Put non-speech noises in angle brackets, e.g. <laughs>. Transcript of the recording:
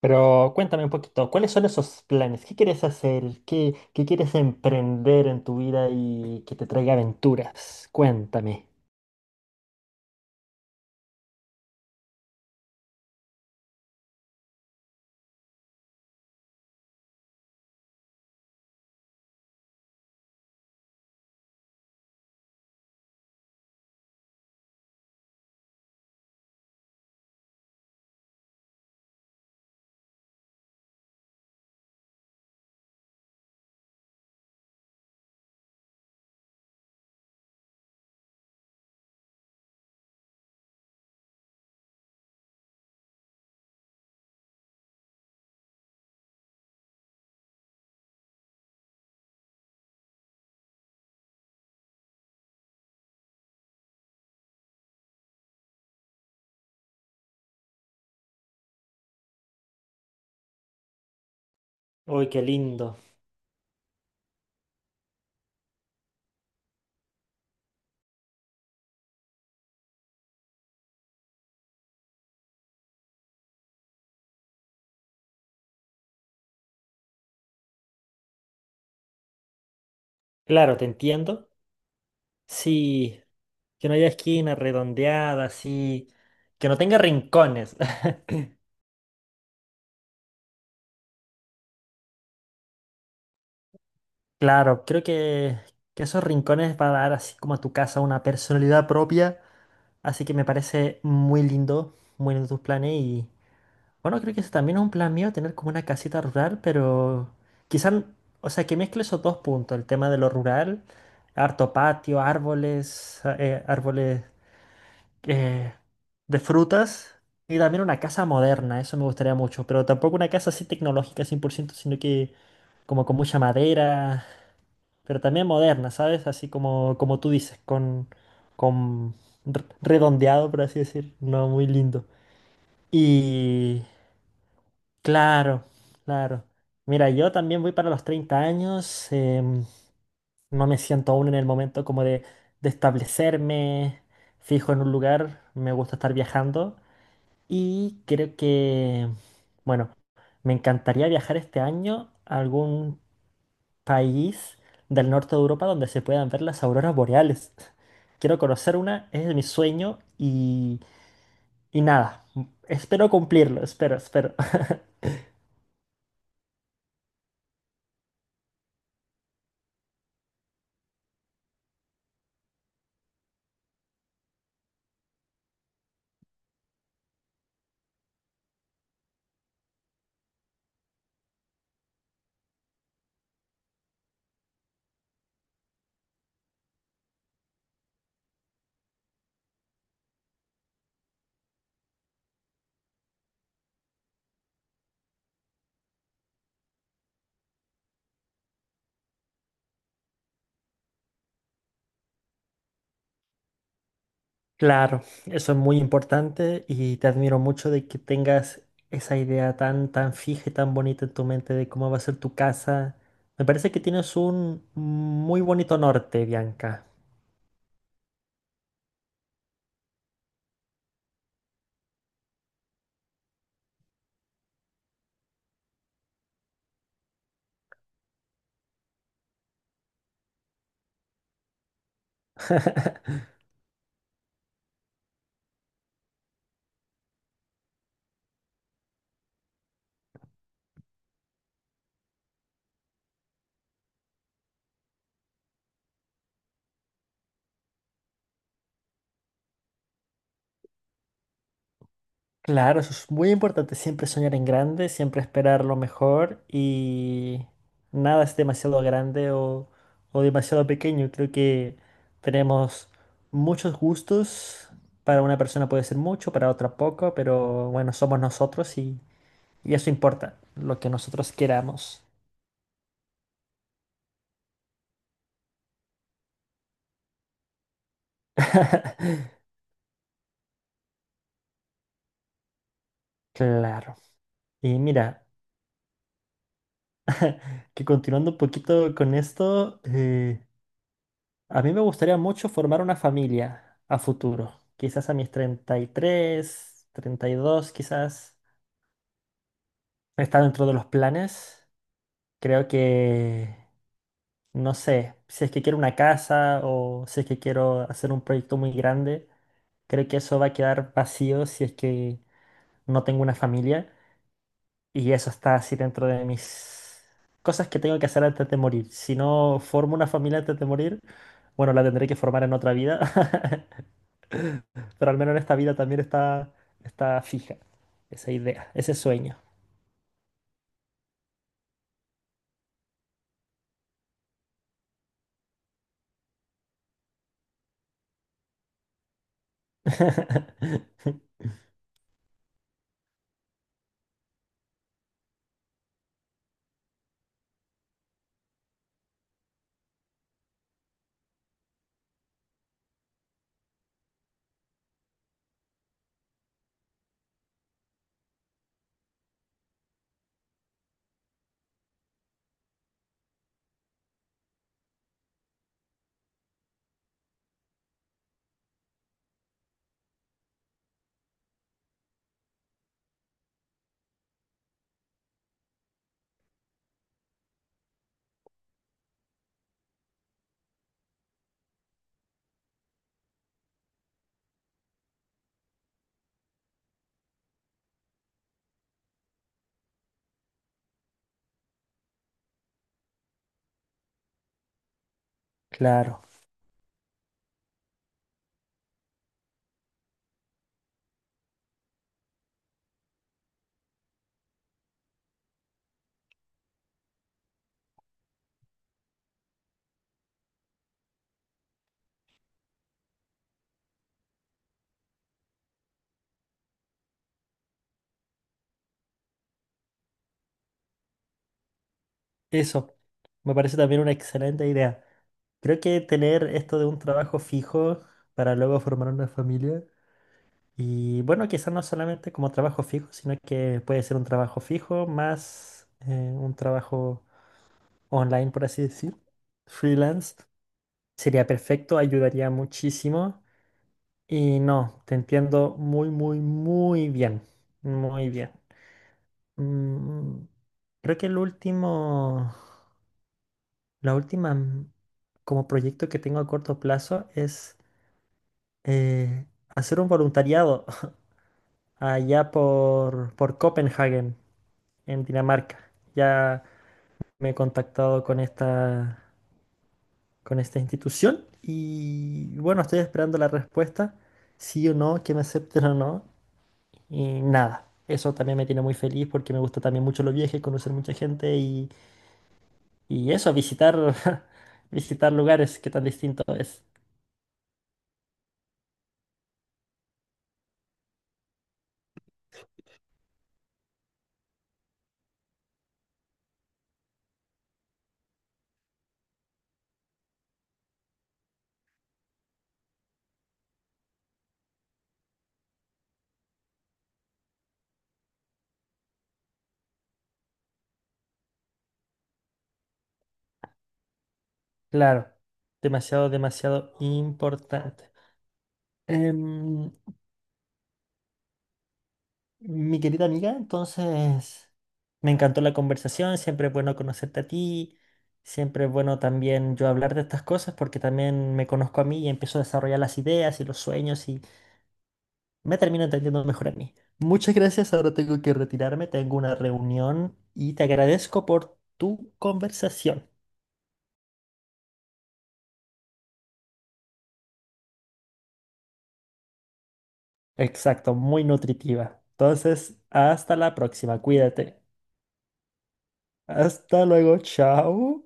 Pero cuéntame un poquito, ¿cuáles son esos planes? ¿Qué quieres hacer? ¿Qué quieres emprender en tu vida y que te traiga aventuras? Cuéntame. Uy, qué lindo. Claro, te entiendo. Sí, que no haya esquina redondeada, así, que no tenga rincones. <laughs> Claro, creo que esos rincones va a dar así como a tu casa una personalidad propia. Así que me parece muy lindo tus planes. Bueno, creo que ese también es un plan mío, tener como una casita rural, pero quizás, o sea, que mezcle esos dos puntos, el tema de lo rural, harto patio, árboles, eh, de frutas, y también una casa moderna, eso me gustaría mucho, pero tampoco una casa así tecnológica 100%, sino que como con mucha madera, pero también moderna, ¿sabes? Así como, tú dices, con redondeado, por así decir, no muy lindo. Y... Claro, claro. Mira, yo también voy para los 30 años. No me siento aún en el momento como de establecerme fijo en un lugar. Me gusta estar viajando. Y creo que, bueno, me encantaría viajar este año a algún país del norte de Europa donde se puedan ver las auroras boreales. <laughs> Quiero conocer una, es mi sueño y nada. Espero cumplirlo, espero, espero. Claro, eso es muy importante y te admiro mucho de que tengas esa idea tan, tan fija y tan bonita en tu mente de cómo va a ser tu casa. Me parece que tienes un muy bonito norte, Bianca. Claro, eso es muy importante, siempre soñar en grande, siempre esperar lo mejor y nada es demasiado grande o demasiado pequeño. Creo que tenemos muchos gustos, para una persona puede ser mucho, para otra poco, pero bueno, somos nosotros. Y eso importa, lo que nosotros queramos. <laughs> Claro. Y mira, que continuando un poquito con esto, a mí me gustaría mucho formar una familia a futuro. Quizás a mis 30 33, 32, quizás. Está dentro de los planes. Creo que, no sé, si es que quiero una casa o si es que quiero hacer un proyecto muy grande, creo que eso va a quedar vacío si es que no tengo una familia. Y eso está así dentro de mis cosas que tengo que hacer antes de morir. Si no formo una familia antes de morir, bueno, la tendré que formar en otra vida, <laughs> pero al menos en esta vida también está, fija esa idea, ese sueño. <laughs> Claro, eso me parece también una excelente idea. Creo que tener esto de un trabajo fijo para luego formar una familia. Y bueno, quizás no solamente como trabajo fijo, sino que puede ser un trabajo fijo más un trabajo online, por así decir. Freelance sería perfecto, ayudaría muchísimo. Y no, te entiendo muy, muy, muy bien. Muy bien. Mm, creo que el último, la última mm, como proyecto que tengo a corto plazo es eh, hacer un voluntariado <laughs> allá por, Copenhague en Dinamarca. Ya me he contactado con esta institución y bueno, estoy esperando la respuesta, sí o no, que me acepten o no, y nada. Eso también me tiene muy feliz porque me gusta también mucho los viajes, conocer mucha gente y eso, visitar, <laughs> visitar lugares, que tan distinto es. Claro, demasiado, demasiado importante. Em, Mi querida amiga, entonces me encantó la conversación, siempre es bueno conocerte a ti, siempre es bueno también yo hablar de estas cosas porque también me conozco a mí y empiezo a desarrollar las ideas y los sueños y me termino entendiendo mejor a mí. Muchas gracias, ahora tengo que retirarme, tengo una reunión y te agradezco por tu conversación. Exacto, muy nutritiva. Entonces, hasta la próxima, cuídate. Hasta luego, chao.